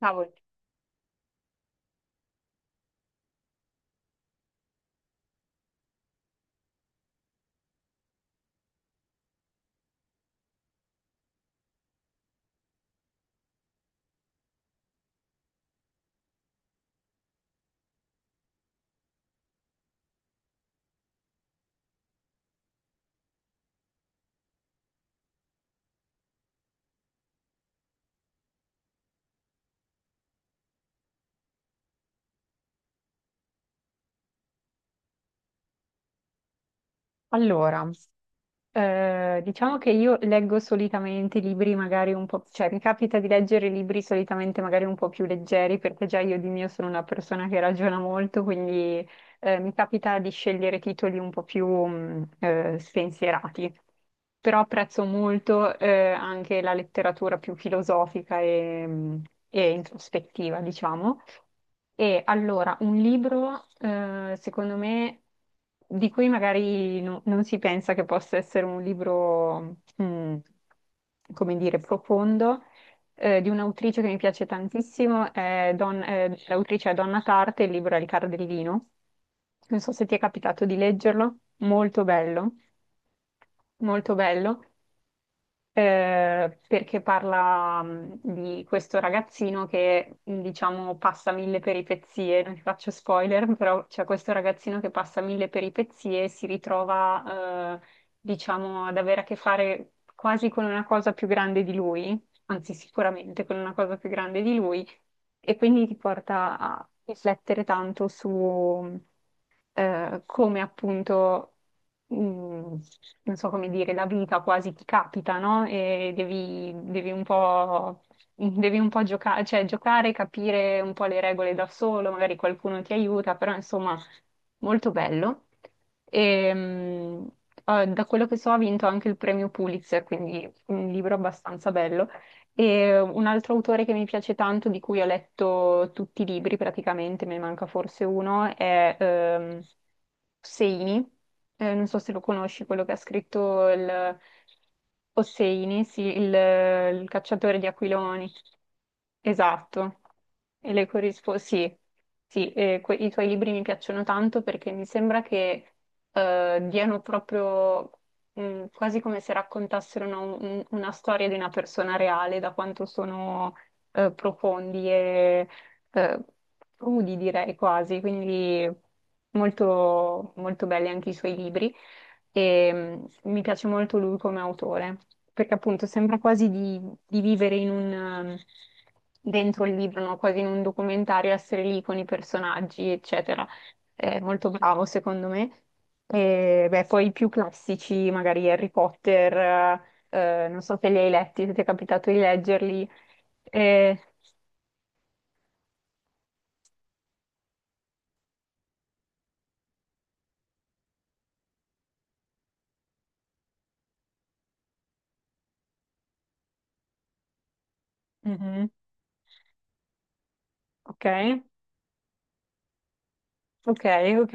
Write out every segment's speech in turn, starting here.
Cavolo. Allora, diciamo che io leggo solitamente libri magari un po', cioè mi capita di leggere libri solitamente magari un po' più leggeri, perché già io di mio sono una persona che ragiona molto, quindi mi capita di scegliere titoli un po' più spensierati. Però apprezzo molto anche la letteratura più filosofica e introspettiva, diciamo. E allora, un libro, secondo me, di cui magari non si pensa che possa essere un libro, come dire, profondo, di un'autrice che mi piace tantissimo, è l'autrice è Donna Tarte, il libro è Il Cardellino. Non so se ti è capitato di leggerlo, molto bello perché parla di questo ragazzino che, diciamo, passa mille peripezie, non ti faccio spoiler, però c'è questo ragazzino che passa mille peripezie e si ritrova, diciamo, ad avere a che fare quasi con una cosa più grande di lui, anzi sicuramente con una cosa più grande di lui, e quindi ti porta a riflettere tanto su come appunto, mh, non so come dire, la vita quasi ti capita, no? E devi, devi un po', devi un po' giocare, cioè giocare, capire un po' le regole da solo, magari qualcuno ti aiuta, però insomma, molto bello. E, da quello che so ha vinto anche il premio Pulitzer, quindi un libro abbastanza bello. E un altro autore che mi piace tanto, di cui ho letto tutti i libri praticamente, me ne manca forse uno, è Hosseini. Non so se lo conosci, quello che ha scritto il Hosseini, sì, il cacciatore di aquiloni. Esatto. E le corrisponde, sì, sì, i tuoi libri mi piacciono tanto perché mi sembra che diano proprio mm, quasi come se raccontassero una, una storia di una persona reale, da quanto sono profondi e eh, crudi, direi quasi, quindi molto, molto belli anche i suoi libri e mi piace molto lui come autore, perché appunto sembra quasi di vivere in un, um, dentro il libro, no? Quasi in un documentario, essere lì con i personaggi, eccetera è molto bravo secondo me. E beh, poi i più classici, magari Harry Potter, non so se li hai letti, se ti è capitato di leggerli. Eh, mhm. Ok, ok, ok.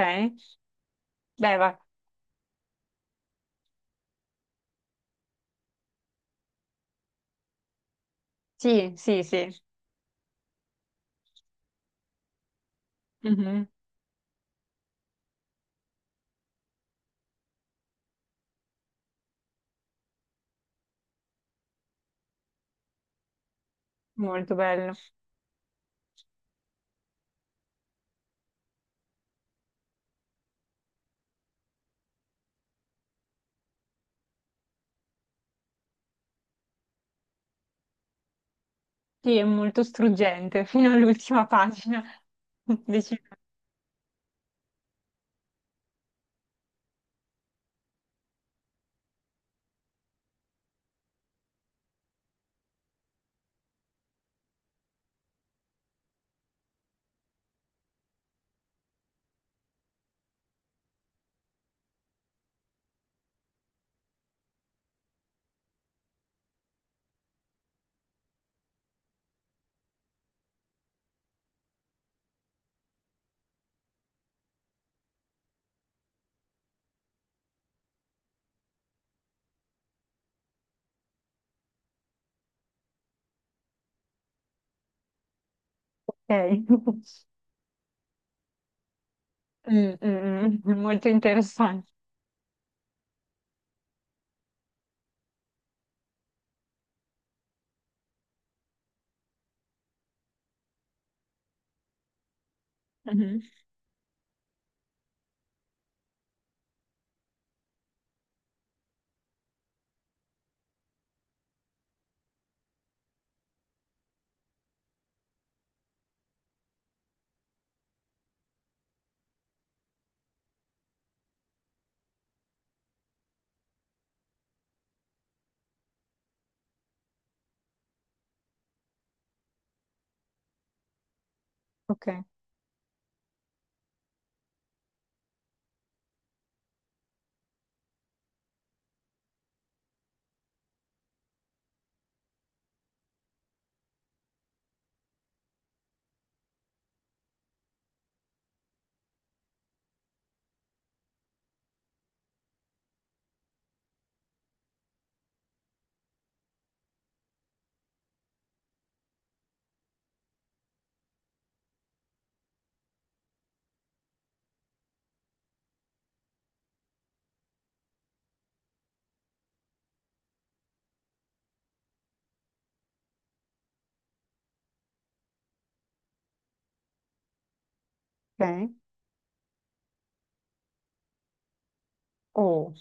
Beh, va. Sì, sì, sì. Mhm. Molto bello. Sì, è molto struggente fino all'ultima pagina. Decisivo. Ok. Mm, mm, mm, molto interessante. Mhm. Ok, ok. Oh,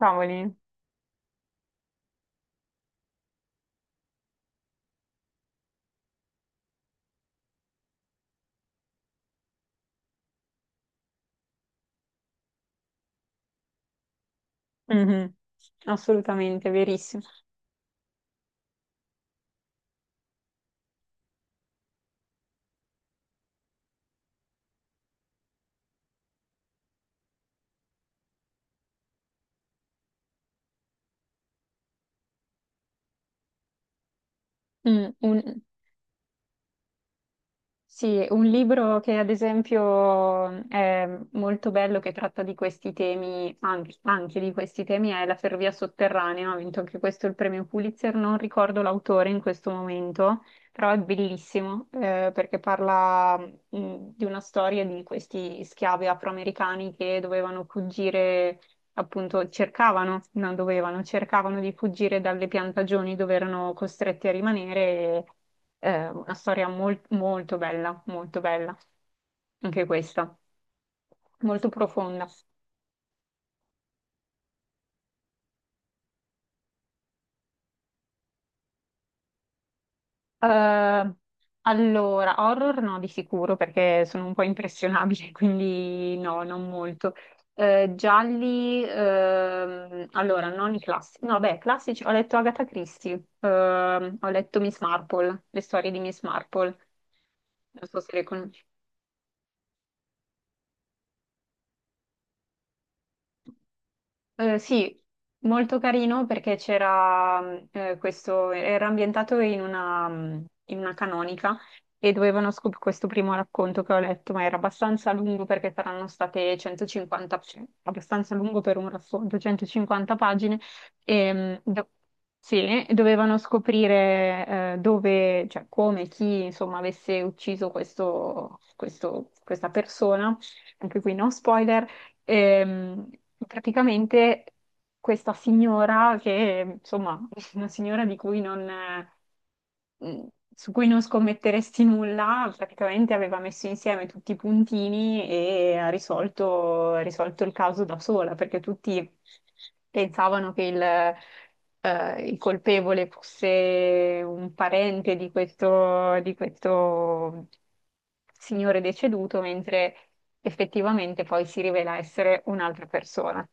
cavoli. Mhm. Assolutamente, verissimo. Mm, un- sì, un libro che ad esempio è molto bello, che tratta di questi temi, anche, anche di questi temi, è La ferrovia sotterranea, ha vinto anche questo il premio Pulitzer, non ricordo l'autore in questo momento, però è bellissimo perché parla di una storia di questi schiavi afroamericani che dovevano fuggire appunto cercavano, non dovevano, cercavano di fuggire dalle piantagioni dove erano costretti a rimanere. E, una storia molto bella, anche questa, molto profonda. Eh, allora, horror no, di sicuro, perché sono un po' impressionabile, quindi no, non molto. Gialli, allora, non i classici. No, beh, classici, ho letto Agatha Christie, ho letto Miss Marple, le storie di Miss Marple. Non so se le conosci. Sì, molto carino perché c'era questo, era ambientato in una canonica e dovevano scoprire questo primo racconto che ho letto, ma era abbastanza lungo perché saranno state 150, sì, abbastanza lungo per un racconto, 150 pagine, e, sì, dovevano scoprire dove, cioè come, chi insomma avesse ucciso questa persona, anche qui no spoiler. Ehm, praticamente questa signora, che insomma, una signora di cui non, mh, su cui non scommetteresti nulla, praticamente aveva messo insieme tutti i puntini e ha risolto il caso da sola, perché tutti pensavano che il colpevole fosse un parente di questo signore deceduto, mentre effettivamente poi si rivela essere un'altra persona.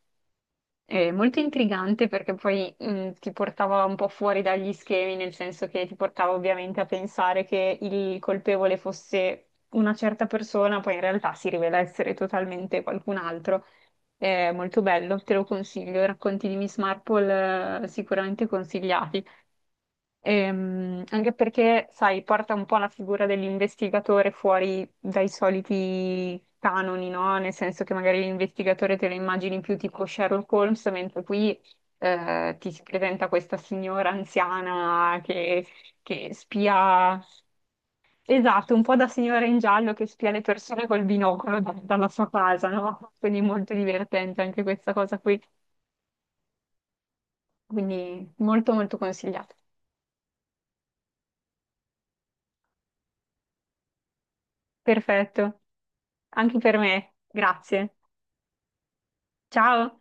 È molto intrigante perché poi ti portava un po' fuori dagli schemi, nel senso che ti portava ovviamente a pensare che il colpevole fosse una certa persona, poi in realtà si rivela essere totalmente qualcun altro. È molto bello, te lo consiglio. I racconti di Miss Marple sicuramente consigliati. Anche perché, sai, porta un po' la figura dell'investigatore fuori dai soliti canoni, no? Nel senso che magari l'investigatore te lo immagini più tipo Sherlock Holmes, mentre qui ti si presenta questa signora anziana che spia, esatto, un po' da signora in giallo che spia le persone col binocolo dalla sua casa, no? Quindi molto divertente anche questa cosa qui, quindi molto molto consigliata. Perfetto, anche per me, grazie. Ciao,